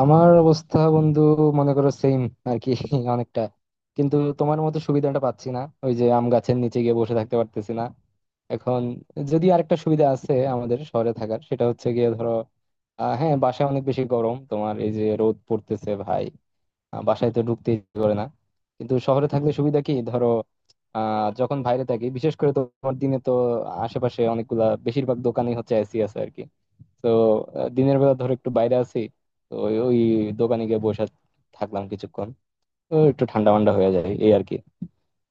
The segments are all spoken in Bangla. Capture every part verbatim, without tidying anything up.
আমার অবস্থা বন্ধু মনে করো সেম আর কি অনেকটা। কিন্তু তোমার মতো সুবিধাটা পাচ্ছি না, ওই যে আম গাছের নিচে গিয়ে বসে থাকতে পারতেছি না এখন। যদি আরেকটা সুবিধা আছে আমাদের শহরে থাকার, সেটা হচ্ছে গিয়ে ধরো আহ, হ্যাঁ, বাসায় অনেক বেশি গরম তোমার, এই যে রোদ পড়তেছে ভাই, আহ, বাসায় তো ঢুকতে ইচ্ছে করে না। কিন্তু শহরে থাকলে সুবিধা কি ধরো, আহ যখন বাইরে থাকি বিশেষ করে তোমার দিনে, তো আশেপাশে অনেকগুলা বেশিরভাগ দোকানই হচ্ছে এসি আছে আর কি। তো আহ, দিনের বেলা ধর একটু বাইরে আছি, তো ওই ওই দোকানে গিয়ে বসে থাকলাম কিছুক্ষণ, তো একটু ঠান্ডা ঠান্ডা হয়ে যায় এই আর কি।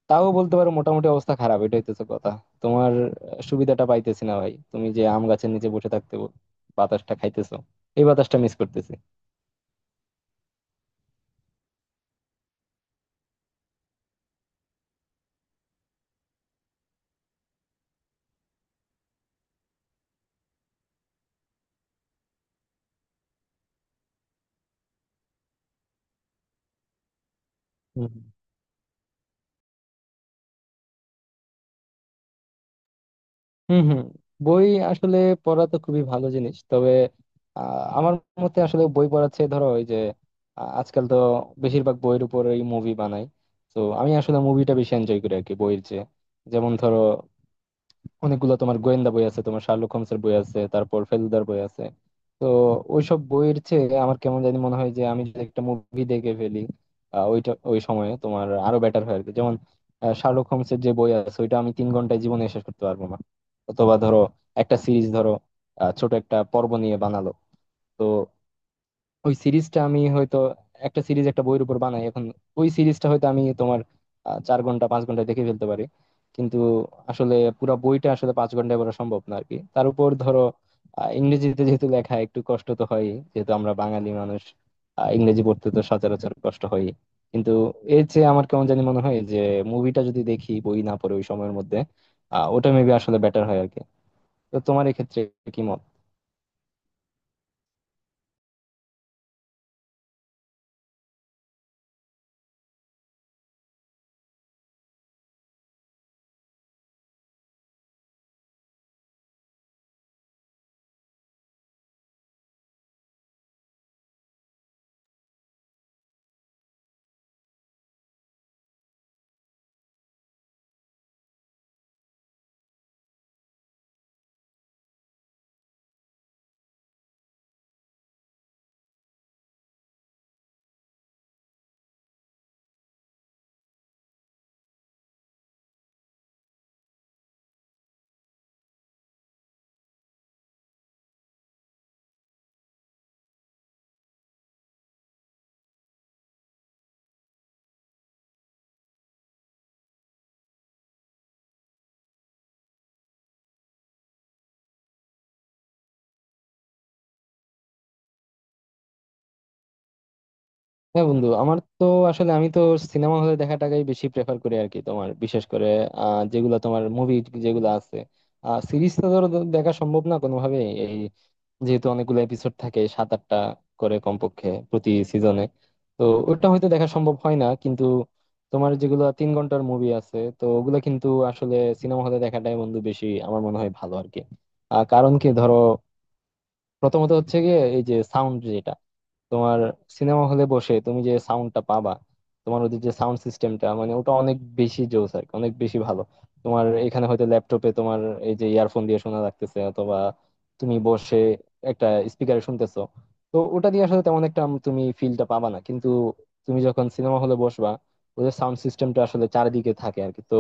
তাও বলতে পারো মোটামুটি অবস্থা খারাপ, এটা হইতেছে কথা। তোমার আহ, সুবিধাটা পাইতেছি না ভাই, তুমি যে আম গাছের নিচে বসে থাকতে বাতাসটা খাইতেছো, এই বাতাসটা মিস করতেছি। হম হম। বই আসলে পড়া তো খুবই ভালো জিনিস, তবে আহ, আমার মতে আসলে বই পড়ার চেয়ে ধরো ওই যে আহ, আজকাল তো বেশিরভাগ বইয়ের উপরেই মুভি বানায়, তো আমি আসলে মুভিটা বেশি এনজয় করি আর কি বইয়ের চেয়ে। যেমন ধরো অনেকগুলো তোমার গোয়েন্দা বই আছে, তোমার শার্লক হোমসের বই আছে, তারপর ফেলুদার বই আছে। তো ওইসব বইয়ের চেয়ে আমার কেমন জানি মনে হয় যে আমি যদি একটা মুভি দেখে ফেলি, আহ, ওইটা ওই সময়ে তোমার আরো বেটার হয় আর কি। যেমন আহ, শার্লক হোমসের যে বই আছে ওইটা আমি তিন ঘন্টায় জীবনে শেষ করতে পারবো না। অথবা ধরো একটা সিরিজ ধরো আহ, ছোট একটা পর্ব নিয়ে বানালো, তো ওই সিরিজটা আমি হয়তো, একটা সিরিজ একটা বইয়ের উপর বানাই এখন, ওই সিরিজটা হয়তো আমি তোমার আহ, চার ঘন্টা পাঁচ ঘন্টা দেখে ফেলতে পারি। কিন্তু আসলে পুরো বইটা আসলে পাঁচ ঘন্টায় পড়া সম্ভব না আরকি। তার উপর ধরো আহ, ইংরেজিতে যেহেতু লেখা একটু কষ্ট তো হয়, যেহেতু আমরা বাঙালি মানুষ, আহ, ইংরেজি পড়তে তো সচরাচর কষ্ট হয়। কিন্তু এর চেয়ে আমার কেমন জানি মনে হয় যে মুভিটা যদি দেখি বই না পড়ে ওই সময়ের মধ্যে, আহ ওটা মেবি আসলে বেটার হয় আরকি। তো তোমার এক্ষেত্রে কি মত? হ্যাঁ বন্ধু, আমার তো আসলে, আমি তো সিনেমা হলে দেখাটাকেই বেশি প্রেফার করি আর কি। তোমার বিশেষ করে আহ, যেগুলো তোমার মুভি যেগুলো আছে, সিরিজ তো ধরো দেখা সম্ভব না কোনোভাবে এই, যেহেতু অনেকগুলো এপিসোড থাকে সাত আটটা করে কমপক্ষে প্রতি সিজনে। তো ওটা হয়তো দেখা সম্ভব হয় না, কিন্তু তোমার যেগুলো তিন ঘন্টার মুভি আছে তো ওগুলো কিন্তু আসলে সিনেমা হলে দেখাটাই বন্ধু বেশি আমার মনে হয় ভালো আর কি। আহ, কারণ কি ধরো, প্রথমত হচ্ছে গিয়ে এই যে সাউন্ড যেটা তোমার, সিনেমা হলে বসে তুমি যে সাউন্ডটা পাবা, তোমার ওদের যে সাউন্ড সিস্টেমটা, মানে ওটা অনেক বেশি জোস আর কি, অনেক বেশি ভালো। তোমার এখানে হয়তো ল্যাপটপে তোমার এই যে ইয়ারফোন দিয়ে শোনা লাগতেছে, অথবা তুমি বসে একটা স্পিকারে শুনতেছো, তো ওটা দিয়ে আসলে তেমন একটা তুমি ফিলটা পাবা না। কিন্তু তুমি যখন সিনেমা হলে বসবা, ওদের সাউন্ড সিস্টেমটা আসলে চারিদিকে থাকে আর কি, তো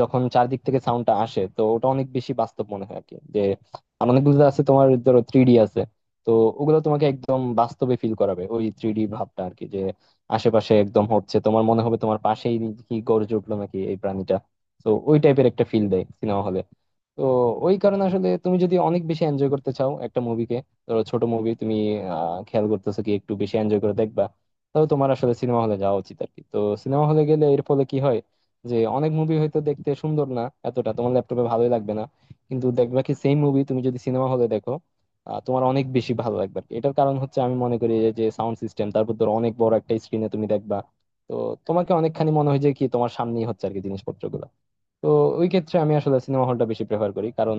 যখন চারদিক থেকে সাউন্ডটা আসে তো ওটা অনেক বেশি বাস্তব মনে হয় আর কি। আর অনেকগুলো আছে তোমার, ধরো থ্রি ডি আছে, তো ওগুলো তোমাকে একদম বাস্তবে ফিল করাবে ওই থ্রি ডি ভাবটা আর কি, যে আশেপাশে একদম হচ্ছে, তোমার মনে হবে তোমার পাশেই কি গর্জে উঠলো নাকি এই প্রাণীটা। তো ওই টাইপের একটা ফিল দেয় সিনেমা হলে। তো ওই কারণে আসলে তুমি যদি অনেক বেশি এনজয় করতে চাও একটা মুভিকে, ধরো ছোট মুভি তুমি আহ, খেয়াল করতেছো, কি একটু বেশি এনজয় করে দেখবা, তাহলে তোমার আসলে সিনেমা হলে যাওয়া উচিত আর কি। তো সিনেমা হলে গেলে এর ফলে কি হয় যে অনেক মুভি হয়তো দেখতে সুন্দর না এতটা, তোমার ল্যাপটপে ভালোই লাগবে না, কিন্তু দেখবা কি সেম মুভি তুমি যদি সিনেমা হলে দেখো আহ, তোমার অনেক বেশি ভালো লাগবে আর কি। এটার কারণ হচ্ছে আমি মনে করি যে সাউন্ড সিস্টেম, তারপর ধর অনেক বড় একটা স্ক্রিনে তুমি দেখবা, তো তোমাকে অনেকখানি মনে হয় যে কি তোমার সামনেই হচ্ছে আর কি জিনিসপত্রগুলো। তো ওই ক্ষেত্রে আমি আসলে সিনেমা হলটা বেশি প্রেফার করি, কারণ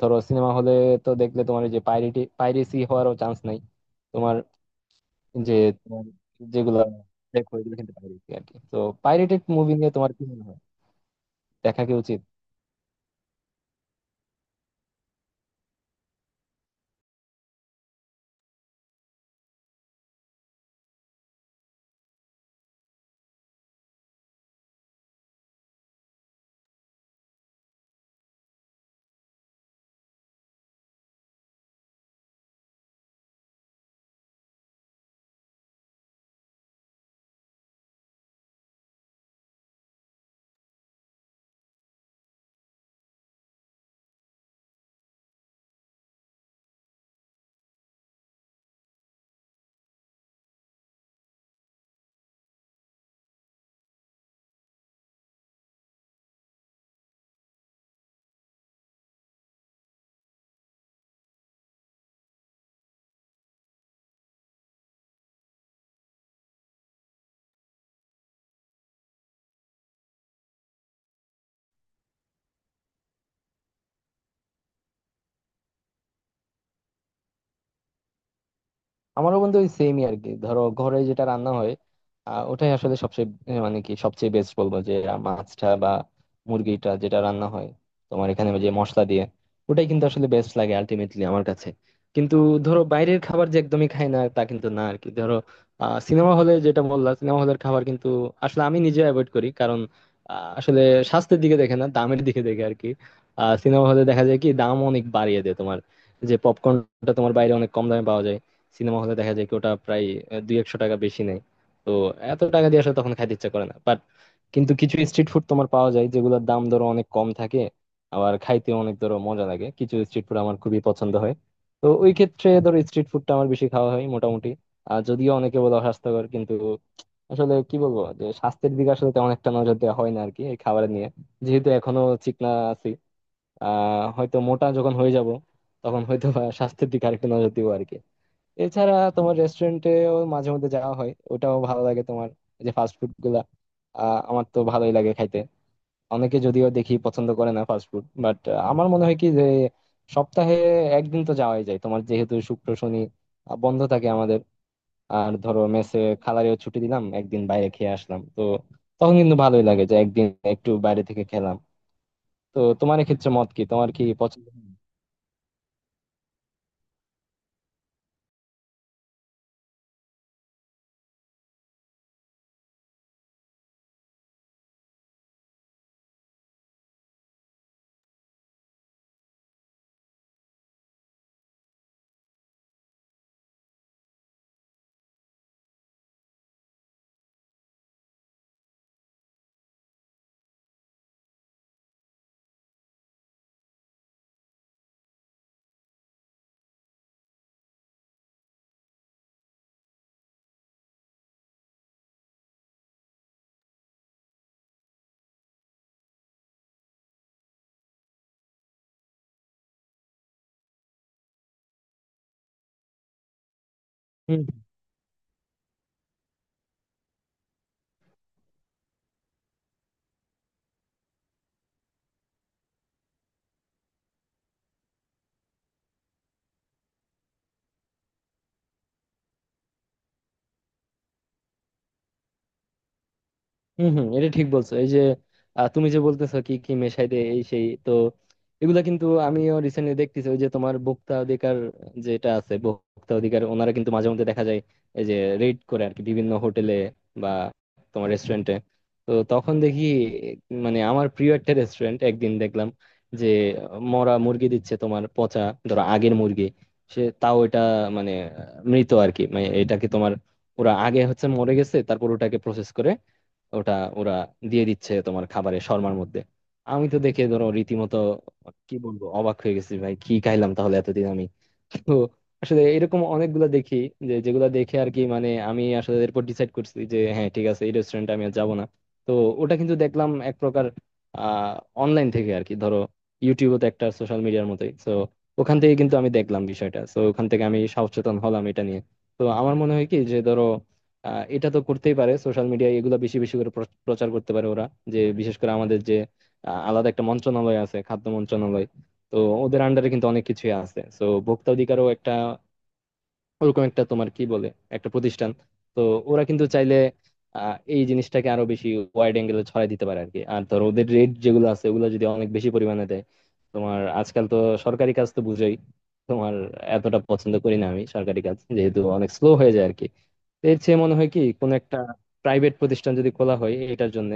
ধরো সিনেমা হলে তো দেখলে তোমার এই যে পাইরেটি পাইরেসি হওয়ারও চান্স নাই। তোমার যে তোমার যেগুলো দেখো এগুলো কিন্তু পাইরেসি আর কি। তো পাইরেটেড মুভি নিয়ে তোমার কি মনে হয়, দেখা কি উচিত? আমারও বন্ধু ওই সেমই আর কি, ধরো ঘরে যেটা রান্না হয় আহ, ওটাই আসলে সবচেয়ে আহ, মানে কি সবচেয়ে বেস্ট বলবো, যে আহ, মাছটা বা মুরগিটা যেটা রান্না হয় তোমার এখানে যে মশলা দিয়ে, ওটাই কিন্তু আসলে বেস্ট লাগে আলটিমেটলি আমার কাছে। কিন্তু ধরো বাইরের খাবার যে একদমই খাই না তা কিন্তু না আর কি। ধরো আহ সিনেমা হলে যেটা বললাম সিনেমা হলের খাবার কিন্তু আসলে আমি নিজে অ্যাভয়েড করি, কারণ আহ, আসলে স্বাস্থ্যের দিকে দেখে না, দামের দিকে দেখে আর কি। সিনেমা হলে দেখা যায় কি দাম অনেক বাড়িয়ে দেয় তোমার, যে পপকর্নটা তোমার বাইরে অনেক কম দামে পাওয়া যায়, সিনেমা হলে দেখা যায় কি ওটা প্রায় আহ, দুই একশো টাকা বেশি নেয়। তো এত টাকা দিয়ে আসলে তখন খাইতে ইচ্ছা করে না বাট, কিন্তু কিছু স্ট্রিট ফুড তোমার পাওয়া যায় যেগুলোর দাম ধরো অনেক কম থাকে, আবার খাইতে অনেক ধরো মজা লাগে। কিছু স্ট্রিট ফুড আমার খুবই পছন্দ হয়, তো ওই ক্ষেত্রে ধরো স্ট্রিট ফুডটা আমার বেশি খাওয়া হয় মোটামুটি। আর যদিও অনেকে বলে অস্বাস্থ্যকর, কিন্তু আসলে কি বলবো যে স্বাস্থ্যের দিকে আসলে তেমন একটা নজর দেওয়া হয় না আর কি এই খাবার নিয়ে, যেহেতু এখনো চিকনা আছি। আহ হয়তো মোটা যখন হয়ে যাব তখন হয়তো বা স্বাস্থ্যের দিকে আরেকটু নজর দিব আর কি। এছাড়া তোমার রেস্টুরেন্টেও মাঝে মধ্যে যাওয়া হয়, ওটাও ভালো লাগে। তোমার এই যে ফাস্ট ফুড গুলা আহ, আমার তো ভালোই লাগে খাইতে। অনেকে যদিও দেখি পছন্দ করে না ফাস্ট ফুড, বাট আমার মনে হয় কি যে সপ্তাহে একদিন তো যাওয়াই যায়। তোমার যেহেতু শুক্র শনি আহ, বন্ধ থাকে আমাদের, আর ধরো মেসে খালারেও ছুটি দিলাম, একদিন বাইরে খেয়ে আসলাম, তো তখন কিন্তু ভালোই লাগে যে একদিন একটু বাইরে থেকে খেলাম। তো তোমার ক্ষেত্রে মত কি, তোমার কি পছন্দ? হম হম, এটা ঠিক বলছো। এই যে আহ, তুমি যে বলতেছো কি কি মেশাই দে এই সেই, তো এগুলা কিন্তু আমিও রিসেন্টলি দেখতেছি ওই যে তোমার ভোক্তা অধিকার যেটা আছে, ভোক্তা অধিকার ওনারা কিন্তু মাঝে মধ্যে দেখা যায় এই যে রেড করে আর কি বিভিন্ন হোটেলে বা তোমার রেস্টুরেন্টে। তো তখন দেখি, মানে আমার প্রিয় একটা রেস্টুরেন্ট একদিন দেখলাম যে মরা মুরগি দিচ্ছে, তোমার পচা, ধরো আগের মুরগি। সে তাও এটা মানে আহ, মৃত আর কি, মানে এটাকে তোমার ওরা আগে হচ্ছে মরে গেছে, তারপর ওটাকে প্রসেস করে ওটা ওরা দিয়ে দিচ্ছে তোমার খাবারের শর্মার মধ্যে। আমি তো দেখে ধরো রীতিমতো কি বলবো, অবাক হয়ে গেছি ভাই, কি খাইলাম তাহলে এতদিন আমি। তো আসলে এরকম অনেকগুলো দেখি, যে যেগুলো দেখে আর কি, মানে আমি আসলে এরপর ডিসাইড করছি যে হ্যাঁ ঠিক আছে, এই রেস্টুরেন্টে আমি আর যাবো না। তো ওটা কিন্তু দেখলাম এক প্রকার আহ অনলাইন থেকে আর কি, ধরো ইউটিউবও তো একটা সোশ্যাল মিডিয়ার মতোই তো, ওখান থেকে কিন্তু আমি দেখলাম বিষয়টা, তো ওখান থেকে আমি সচেতন হলাম এটা নিয়ে। তো আমার মনে হয় কি যে ধরো আহ, এটা তো করতেই পারে সোশ্যাল মিডিয়ায় এগুলো বেশি বেশি করে প্র- প্রচার করতে পারে ওরা, যে বিশেষ করে আমাদের যে আহ, আলাদা একটা মন্ত্রণালয় আছে খাদ্য মন্ত্রণালয়, তো ওদের আন্ডারে কিন্তু অনেক কিছুই আছে, তো ভোক্তা অধিকারও একটা ওরকম একটা তোমার কি বলে, একটা প্রতিষ্ঠান। তো ওরা কিন্তু চাইলে আহ, এই জিনিসটাকে আরো বেশি ওয়াইড অ্যাঙ্গেলে ছড়াই দিতে পারে আর কি। আর ধর ওদের রেট যেগুলো আছে ওগুলো যদি অনেক বেশি পরিমাণে দেয়, তোমার আজকাল তো সরকারি কাজ তো বুঝোই তোমার, এতটা পছন্দ করি না আমি সরকারি কাজ, যেহেতু অনেক স্লো হয়ে যায় আর কি। তো এর চেয়ে মনে হয় কি কোন একটা প্রাইভেট প্রতিষ্ঠান যদি খোলা হয় এটার জন্য,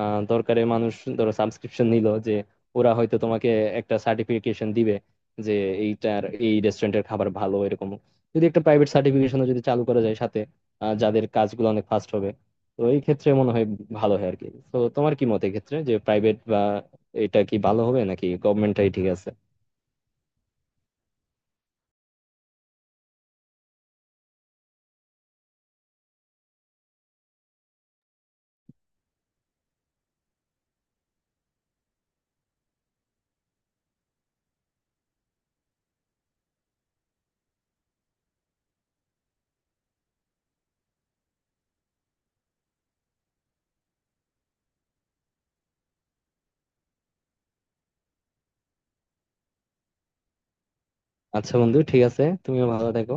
আহ দরকারে মানুষ ধরো সাবস্ক্রিপশন নিল, যে ওরা হয়তো তোমাকে একটা সার্টিফিকেশন দিবে যে এইটার, এই রেস্টুরেন্টের খাবার ভালো, এরকম যদি একটা প্রাইভেট সার্টিফিকেশনও যদি চালু করা যায় সাথে, আহ, যাদের কাজগুলো অনেক ফাস্ট হবে। তো এই ক্ষেত্রে মনে হয় ভালো হয় আর কি। তো তোমার কি মত এই ক্ষেত্রে, যে প্রাইভেট বা এটা কি ভালো হবে নাকি গভর্নমেন্টটাই ঠিক আছে? আচ্ছা বন্ধু, ঠিক আছে, তুমিও ভালো থেকো।